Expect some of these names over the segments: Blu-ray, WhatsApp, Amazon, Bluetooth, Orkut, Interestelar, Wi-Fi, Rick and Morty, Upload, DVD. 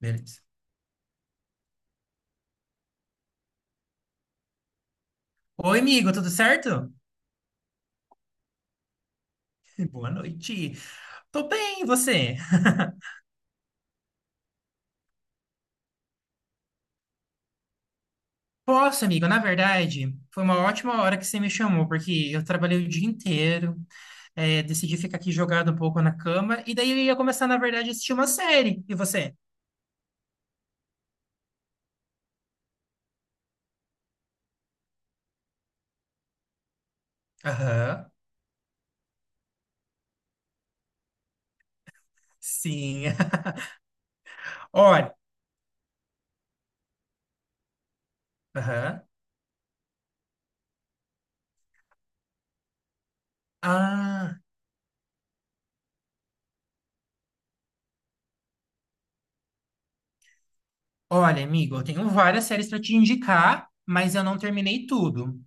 Beleza. Oi, amigo, tudo certo? Boa noite. Tô bem, e você? Posso, amigo? Na verdade, foi uma ótima hora que você me chamou, porque eu trabalhei o dia inteiro, decidi ficar aqui jogado um pouco na cama, e daí eu ia começar, na verdade, a assistir uma série. E você? Aham, sim. Olha, aham. Ah, olha, amigo, eu tenho várias séries para te indicar, mas eu não terminei tudo.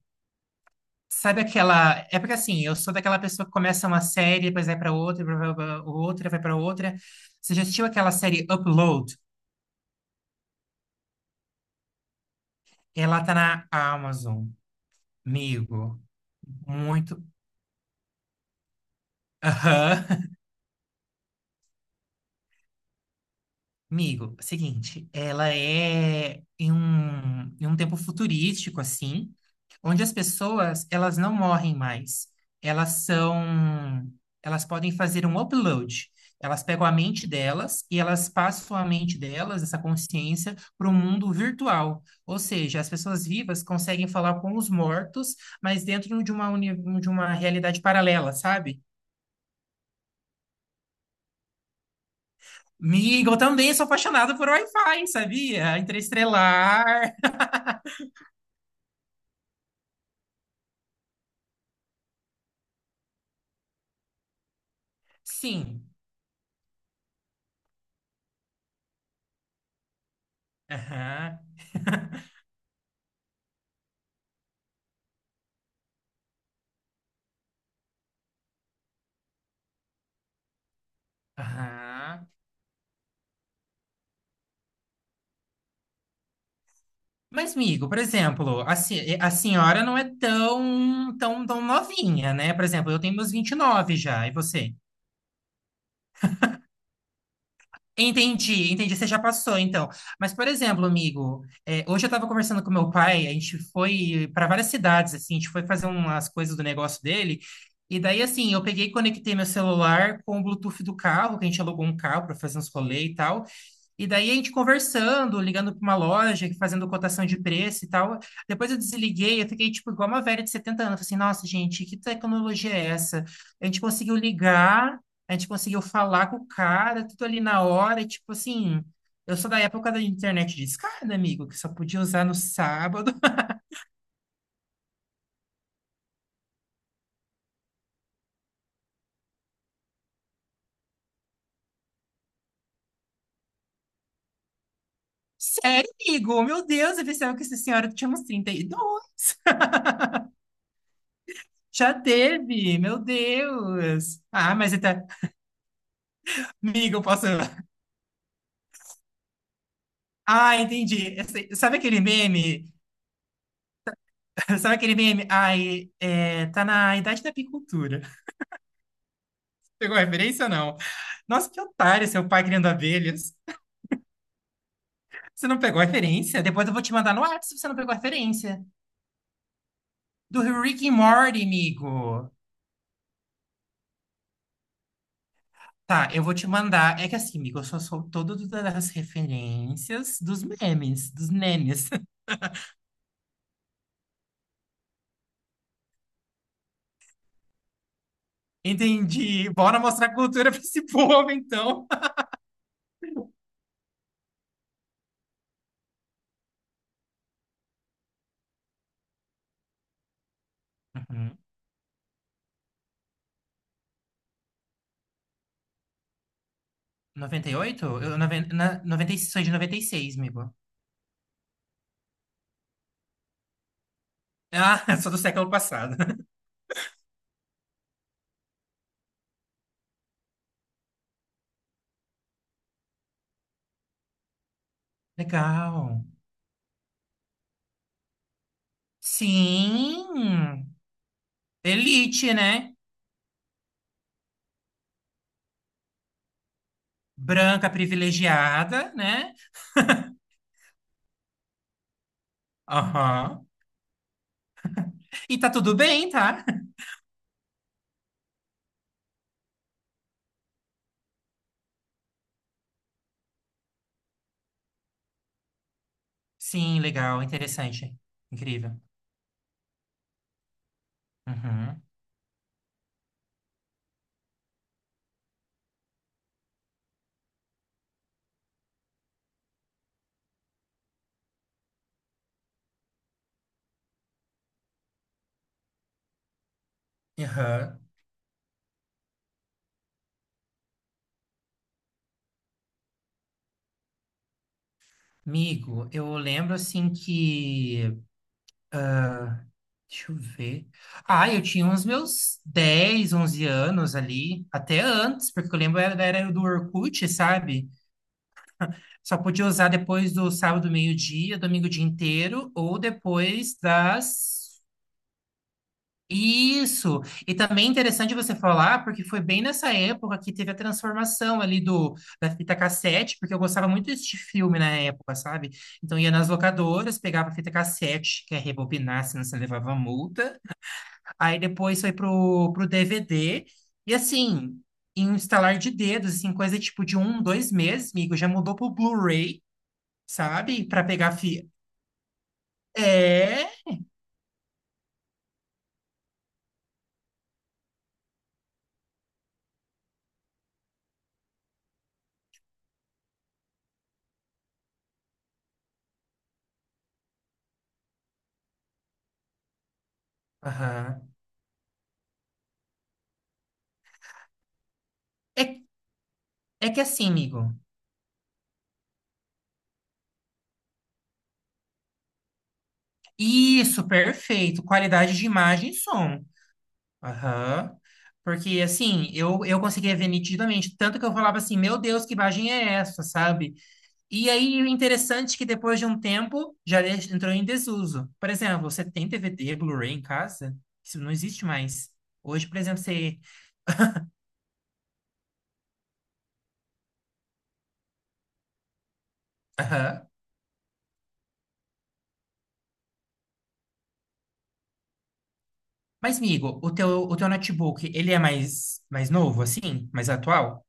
Sabe aquela. É porque assim, eu sou daquela pessoa que começa uma série, depois vai pra outra, blá, blá, blá, outra, vai pra outra. Você já assistiu aquela série Upload? Ela tá na Amazon, amigo. Muito. Aham. Amigo, seguinte, ela é em um tempo futurístico, assim. Onde as pessoas, elas não morrem mais. Elas são, elas podem fazer um upload. Elas pegam a mente delas e elas passam a mente delas, essa consciência, para o mundo virtual. Ou seja, as pessoas vivas conseguem falar com os mortos, mas dentro de uma, de uma realidade paralela, sabe? Amigo, eu também sou apaixonado por Wi-Fi, sabia? Interestelar. Sim. Aham. Aham. Mas, amigo, por exemplo, a senhora não é tão, tão, tão novinha, né? Por exemplo, eu tenho meus 29 já, e você? Entendi, entendi, você já passou, então. Mas, por exemplo, amigo, hoje eu estava conversando com meu pai, a gente foi para várias cidades, assim, a gente foi fazer umas coisas do negócio dele, e daí, assim, eu peguei e conectei meu celular com o Bluetooth do carro, que a gente alugou um carro para fazer uns rolê e tal. E daí a gente conversando, ligando para uma loja, fazendo cotação de preço e tal. Depois eu desliguei, eu fiquei tipo igual uma velha de 70 anos. Falei assim, nossa, gente, que tecnologia é essa? A gente conseguiu ligar, a gente conseguiu falar com o cara, tudo ali na hora, e, tipo assim. Eu sou da época da internet discada, amigo, que só podia usar no sábado. Sério, amigo? Meu Deus, eu pensava que essa senhora tinha uns 32. Já teve, meu Deus. Ah, mas até. Amigo, eu posso. Ah, entendi. Esse- Sabe aquele meme? Sabe aquele meme? Ai, é, tá na idade da apicultura. Pegou a referência ou não? Nossa, que otário, seu pai criando abelhas. Você não pegou a referência? Depois eu vou te mandar no WhatsApp se você não pegou a referência. Do Rick and Morty, amigo. Tá, eu vou te mandar. É que assim, amigo, eu só sou todo das referências dos memes, dos memes. Entendi. Bora mostrar cultura pra esse povo, então. Uhum. 98? 96, sou de 96, amigo. Ah, sou do século passado. Legal. Sim, elite, né? Branca privilegiada, né? Aham. E tá tudo bem, tá? Sim, legal, interessante. Incrível. Uhum. Aham. Amigo, eu lembro assim que. Deixa eu ver. Ah, eu tinha uns meus 10, 11 anos ali, até antes, porque eu lembro era da era do Orkut, sabe? Só podia usar depois do sábado, meio-dia, domingo o dia inteiro, ou depois das. Isso! E também é interessante você falar, porque foi bem nessa época que teve a transformação ali da fita cassete, porque eu gostava muito desse filme na época, sabe? Então ia nas locadoras, pegava a fita cassete, que é rebobinar, senão você levava multa. Aí depois foi pro DVD. E assim, em um estalar de dedos, assim, coisa tipo de um, dois meses, amigo, já mudou pro Blu-ray, sabe? Pra pegar fi... É. Aham. É, é que assim, amigo. Isso, perfeito. Qualidade de imagem e som. Aham. Porque, assim, eu conseguia ver nitidamente. Tanto que eu falava assim, meu Deus, que imagem é essa, sabe? E aí, o interessante é que depois de um tempo, entrou em desuso. Por exemplo, você tem D V D Blu-ray em casa? Isso não existe mais. Hoje, por exemplo, você... Aham. Mas, amigo, o teu notebook, ele é mais, mais novo, assim? Mais atual?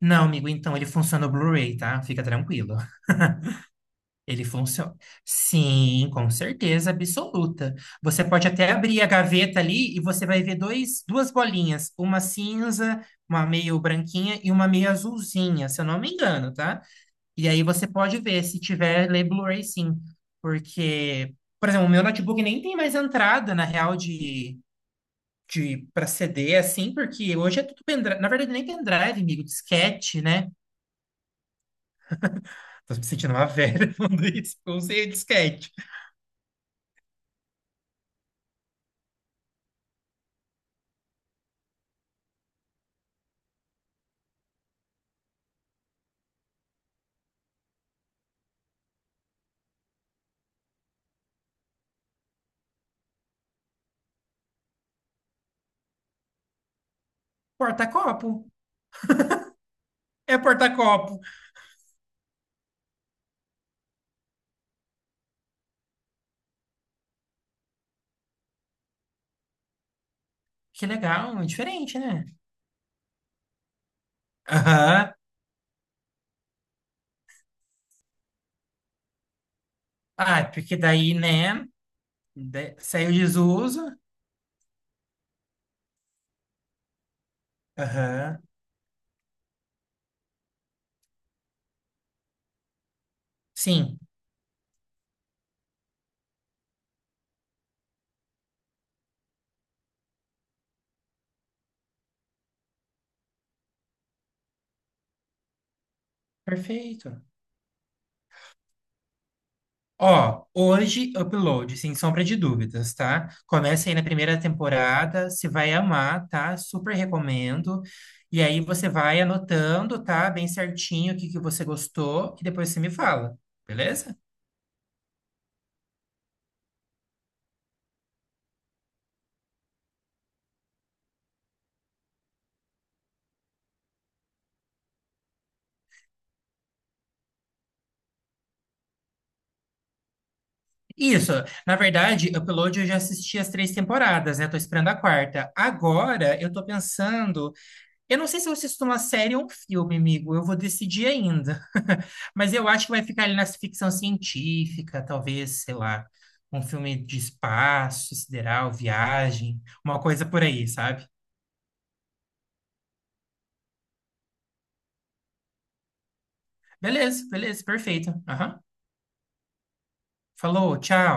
Não, amigo, então ele funciona o Blu-ray, tá? Fica tranquilo. Ele funciona. Sim, com certeza absoluta. Você pode até abrir a gaveta ali e você vai ver duas bolinhas, uma cinza, uma meio branquinha e uma meio azulzinha, se eu não me engano, tá? E aí você pode ver se tiver lê Blu-ray sim, porque, por exemplo, o meu notebook nem tem mais entrada na real de para CD assim, porque hoje é tudo pendrive, na verdade nem pendrive, amigo, disquete, né? Tô me sentindo uma velha falando isso, porque eu usei o disquete. Porta-copo. É porta-copo. Que legal, é diferente, né? Aham. Ah, porque daí, né? Saiu de desuso. Aham. Sim, perfeito. Ó, hoje, upload, sem sombra de dúvidas, tá? Começa aí na primeira temporada, você vai amar, tá? Super recomendo. E aí você vai anotando, tá? Bem certinho o que que você gostou e depois você me fala, beleza? Isso, na verdade, Upload eu já assisti as três temporadas, né? Tô esperando a quarta. Agora eu tô pensando, eu não sei se eu assisto uma série ou um filme, amigo, eu vou decidir ainda. Mas eu acho que vai ficar ali na ficção científica, talvez, sei lá, um filme de espaço, sideral, viagem, uma coisa por aí, sabe? Beleza, beleza, perfeito. Aham. Falou, tchau.